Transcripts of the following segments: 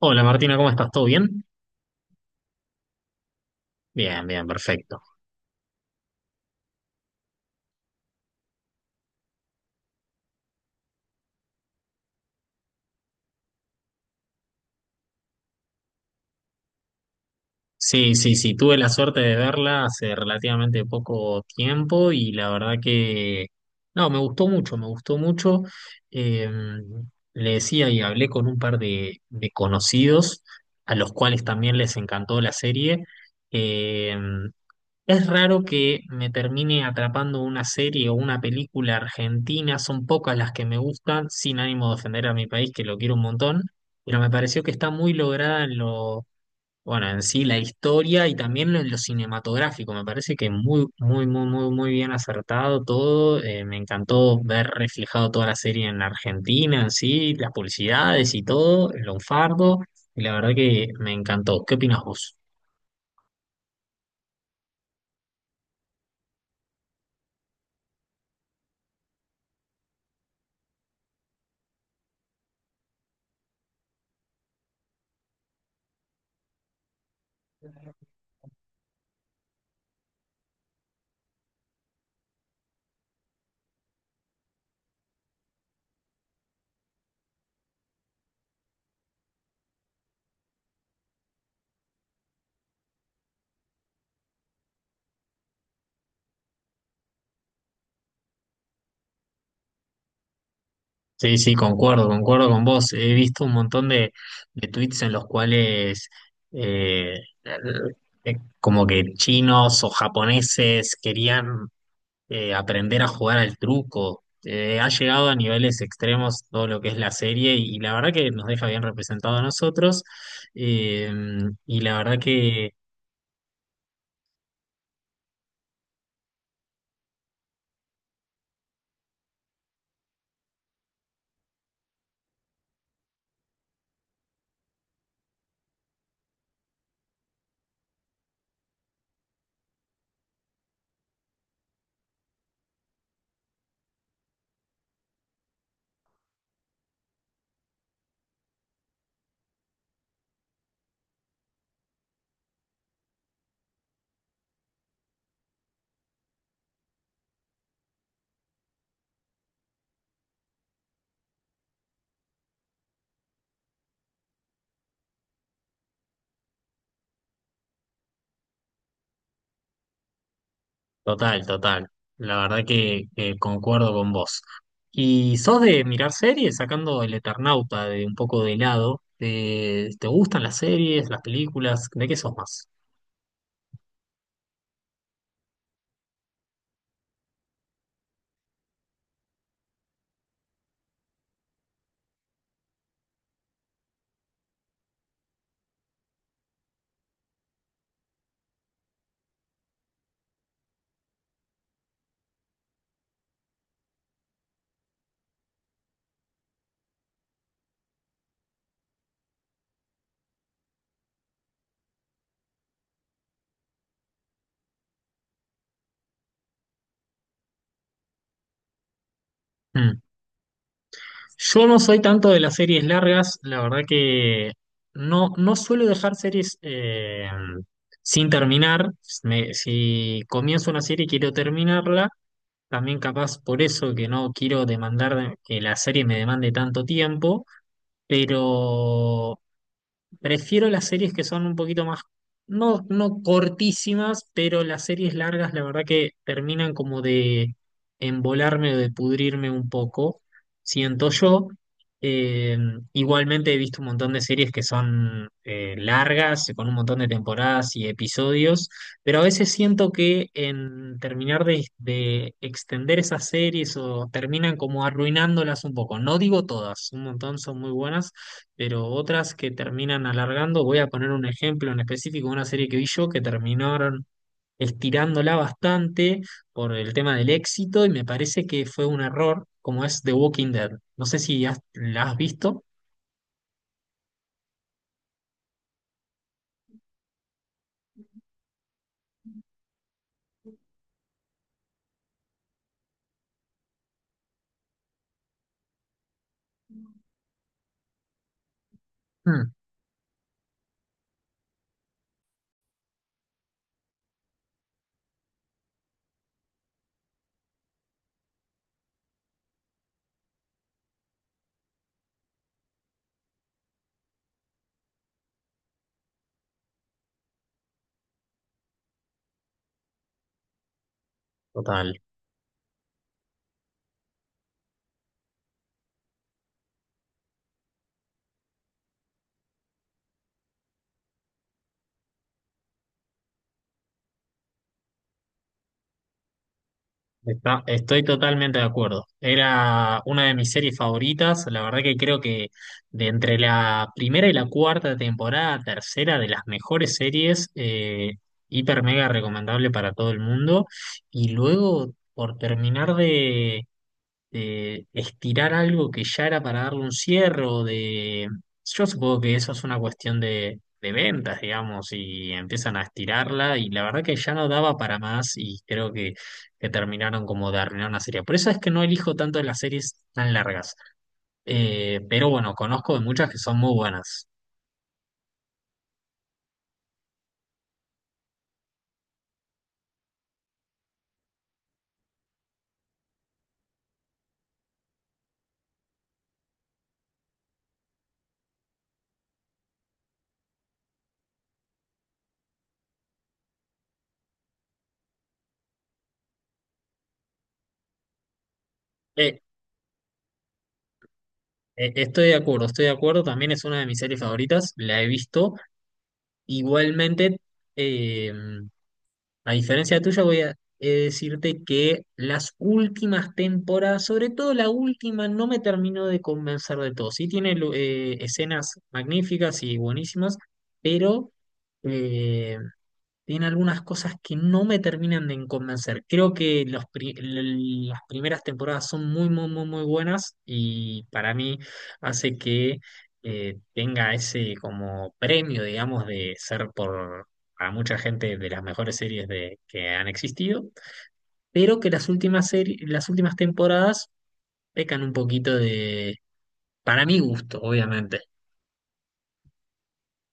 Hola Martina, ¿cómo estás? ¿Todo bien? Bien, bien, perfecto. Sí, sí, sí, tuve la suerte de verla hace relativamente poco tiempo y la verdad que, no, me gustó mucho, me gustó mucho. Eh, le decía y hablé con un par de conocidos a los cuales también les encantó la serie. Eh, Es raro que me termine atrapando una serie o una película argentina, son pocas las que me gustan, sin ánimo de ofender a mi país, que lo quiero un montón, pero me pareció que está muy lograda en lo, bueno, en sí la historia y también en lo cinematográfico, me parece que muy, muy, muy, muy, muy bien acertado todo. Me encantó ver reflejado toda la serie en Argentina, en sí, las publicidades y todo, el lunfardo, y la verdad que me encantó. ¿Qué opinas vos? Sí, sí, concuerdo, concuerdo con vos. He visto un montón de tweets en los cuales eh, como que chinos o japoneses querían aprender a jugar al truco. Ha llegado a niveles extremos todo lo que es la serie y, la verdad que nos deja bien representado a nosotros. Eh, y la verdad que. Total, total. La verdad que concuerdo con vos. ¿Y sos de mirar series, sacando el Eternauta de un poco de lado? ¿Te gustan las series, las películas? ¿De qué sos más? Mm. Yo no soy tanto de las series largas, la verdad que no, no suelo dejar series sin terminar. Si comienzo una serie y quiero terminarla, también capaz por eso que no quiero demandar de- que la serie me demande tanto tiempo, pero prefiero las series que son un poquito más, no, no cortísimas, pero las series largas, la verdad que terminan como de embolarme o de pudrirme un poco, siento yo. Eh, igualmente he visto un montón de series que son largas, con un montón de temporadas y episodios, pero a veces siento que en terminar de extender esas series o terminan como arruinándolas un poco. No digo todas, un montón son muy buenas, pero otras que terminan alargando, voy a poner un ejemplo en específico, una serie que vi yo que terminaron estirándola bastante por el tema del éxito y me parece que fue un error, como es The Walking Dead. No sé si la has visto. Mm, total. Estoy totalmente de acuerdo. Era una de mis series favoritas. La verdad que creo que de entre la primera y la cuarta temporada, tercera de las mejores series, hiper mega recomendable para todo el mundo. Y luego, por terminar de, estirar algo que ya era para darle un cierre o de. Yo supongo que eso es una cuestión de ventas, digamos, y empiezan a estirarla y la verdad que ya no daba para más y creo que terminaron como de arruinar una serie. Por eso es que no elijo tanto las series tan largas, pero bueno, conozco de muchas que son muy buenas. Eh, Estoy de acuerdo, estoy de acuerdo. También es una de mis series favoritas, la he visto. Igualmente, eh, a diferencia tuya, voy a decirte que las últimas temporadas, sobre todo la última, no me terminó de convencer de todo. Sí tiene escenas magníficas y buenísimas, pero eh, tiene algunas cosas que no me terminan de convencer. Creo que los las primeras temporadas son muy, muy, muy, muy buenas y para mí hace que tenga ese como premio, digamos, de ser por a mucha gente de las mejores series de, que han existido, pero que las últimas series, las últimas temporadas pecan un poquito de, para mi gusto, obviamente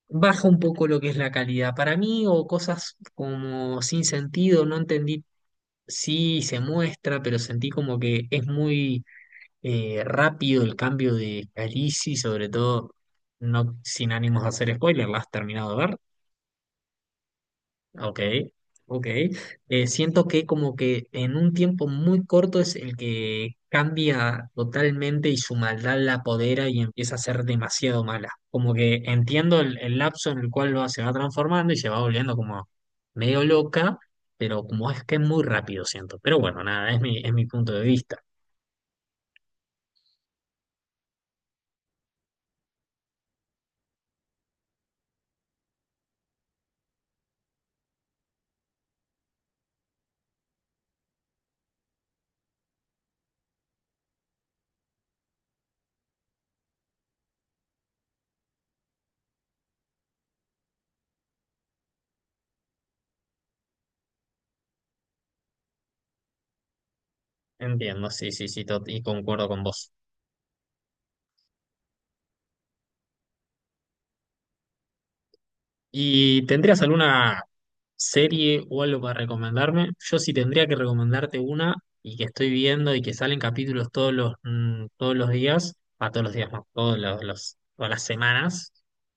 baja un poco lo que es la calidad para mí o cosas como sin sentido, no entendí. Sí, se muestra, pero sentí como que es muy rápido el cambio de Khaleesi, sobre todo no sin ánimos de hacer spoiler, ¿la has terminado de ver? Ok, ok. Siento que como que en un tiempo muy corto es el que cambia totalmente y su maldad la apodera y empieza a ser demasiado mala. Como que entiendo el lapso en el cual se va transformando y se va volviendo como medio loca, pero como es que es muy rápido, siento. Pero bueno, nada, es mi punto de vista. Entiendo, sí, sí, sí, y concuerdo con vos. ¿Y tendrías alguna serie o algo para recomendarme? Yo sí tendría que recomendarte una y que estoy viendo y que salen capítulos todos los, todos los días, a todos los días no, todas las semanas,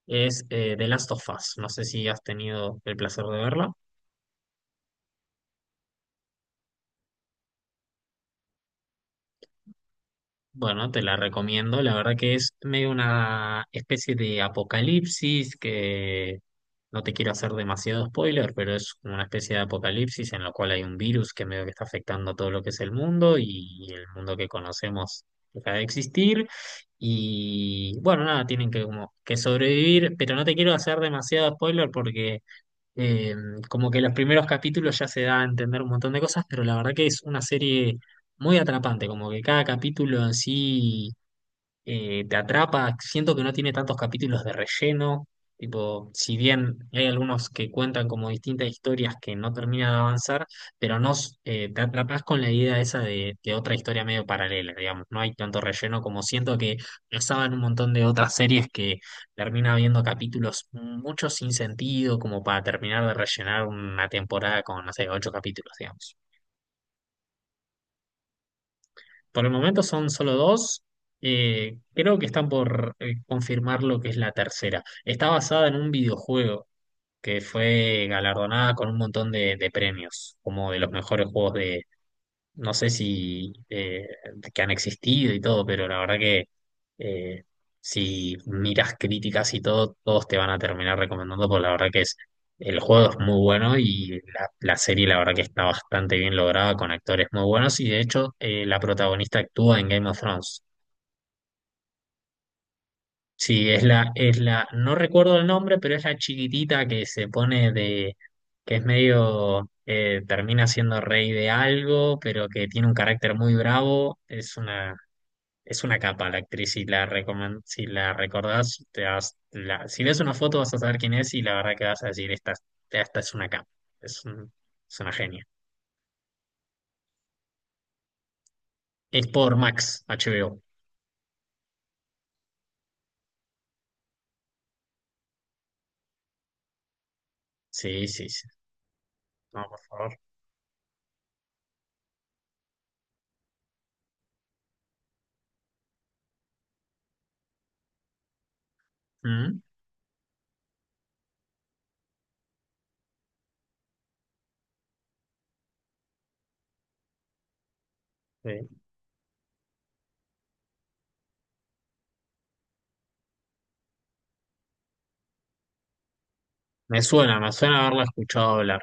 es The Last of Us. No sé si has tenido el placer de verla. Bueno, te la recomiendo. La verdad que es medio una especie de apocalipsis que no te quiero hacer demasiado spoiler, pero es como una especie de apocalipsis en la cual hay un virus que medio que está afectando todo lo que es el mundo y el mundo que conocemos deja de existir. Y bueno, nada, tienen que como que sobrevivir, pero no te quiero hacer demasiado spoiler porque eh, como que los primeros capítulos ya se da a entender un montón de cosas, pero la verdad que es una serie muy atrapante, como que cada capítulo en sí te atrapa, siento que no tiene tantos capítulos de relleno, tipo, si bien hay algunos que cuentan como distintas historias que no terminan de avanzar, pero no s- te atrapas con la idea esa de otra historia medio paralela, digamos, no hay tanto relleno como siento que pasaba en un montón de otras series que termina habiendo capítulos mucho sin sentido, como para terminar de rellenar una temporada con, no sé, ocho capítulos, digamos. Por el momento son solo dos. Creo que están por confirmar lo que es la tercera. Está basada en un videojuego que fue galardonada con un montón de premios, como de los mejores juegos de, no sé si que han existido y todo, pero la verdad que eh, si miras críticas y todo, todos te van a terminar recomendando, porque la verdad que es, el juego es muy bueno y la serie la verdad que está bastante bien lograda con actores muy buenos y de hecho la protagonista actúa en Game of Thrones. Sí, es la, no recuerdo el nombre, pero es la chiquitita que se pone de, que es medio, termina siendo rey de algo, pero que tiene un carácter muy bravo. Es una capa la actriz, si la recordás, si ves una foto vas a saber quién es y la verdad que vas a decir, esta es una capa, es, un- es una genia. Es por Max, HBO. Sí, sí, sí. No, por favor. Mm, sí. Me suena haberla escuchado hablar.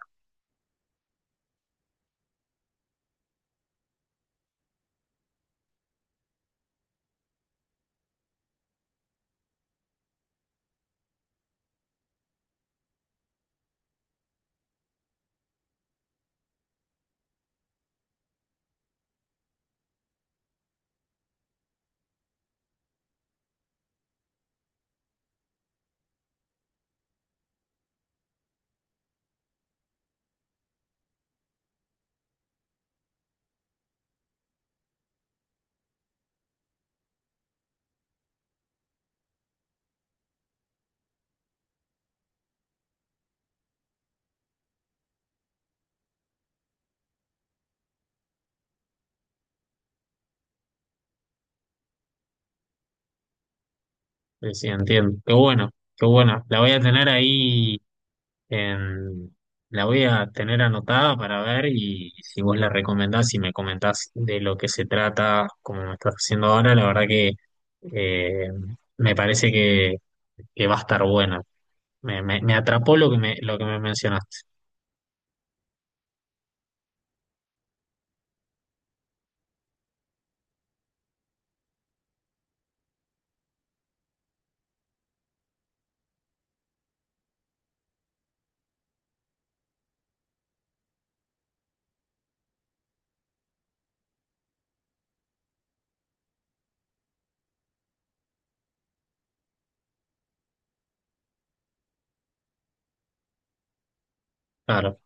Sí, sí, entiendo. Qué bueno, qué bueno. La voy a tener ahí. Em, la voy a tener anotada para ver y si vos la recomendás y me comentás de lo que se trata, como me estás haciendo ahora, la verdad que eh, me parece que va a estar buena. Me atrapó lo que me mencionaste. Claro,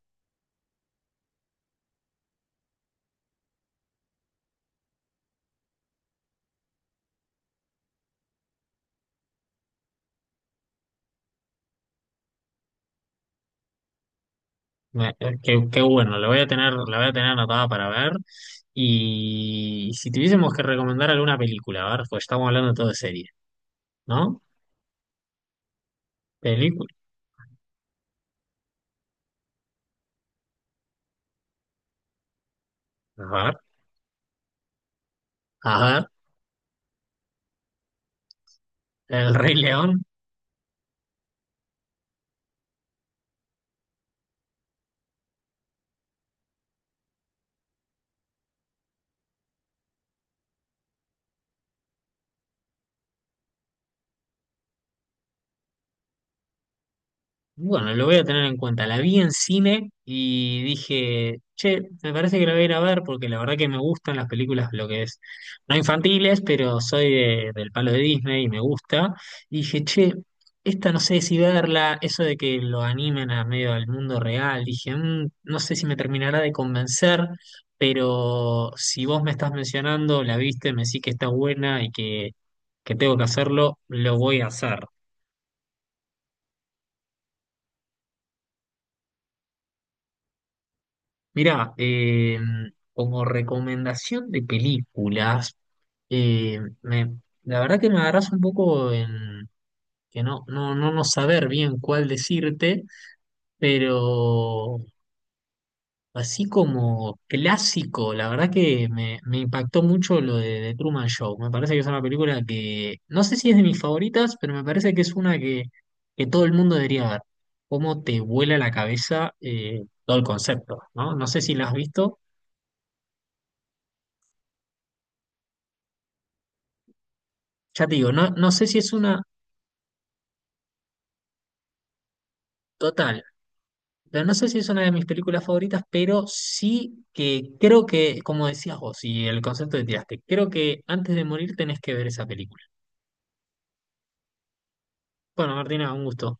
Qué, qué bueno, la voy a tener anotada para ver. Y si tuviésemos que recomendar alguna película, a ver, pues estamos hablando todo de serie, ¿no? Película, a ver, a ver, El Rey León. Bueno, lo voy a tener en cuenta. La vi en cine y dije, che, me parece que la voy a ir a ver porque la verdad que me gustan las películas, lo que es, no infantiles, pero soy del palo de Disney y me gusta. Y dije, che, esta no sé si verla, eso de que lo animen a medio del mundo real. Dije, "Mm, no sé si me terminará de convencer, pero si vos me estás mencionando, la viste, me decís que está buena y que tengo que hacerlo, lo voy a hacer." Mirá, como recomendación de películas, eh, me- la verdad que me agarras un poco en que no saber bien cuál decirte, pero así como clásico, la verdad que me impactó mucho lo de, The Truman Show. Me parece que es una película que, no sé si es de mis favoritas, pero me parece que es una que todo el mundo debería ver. Cómo te vuela la cabeza todo el concepto, ¿no? No sé si la has visto. Ya te digo, no, no sé si es una total, pero no sé si es una de mis películas favoritas, pero sí que creo que, como decías vos, y el concepto que tiraste, creo que antes de morir tenés que ver esa película. Bueno, Martina, un gusto.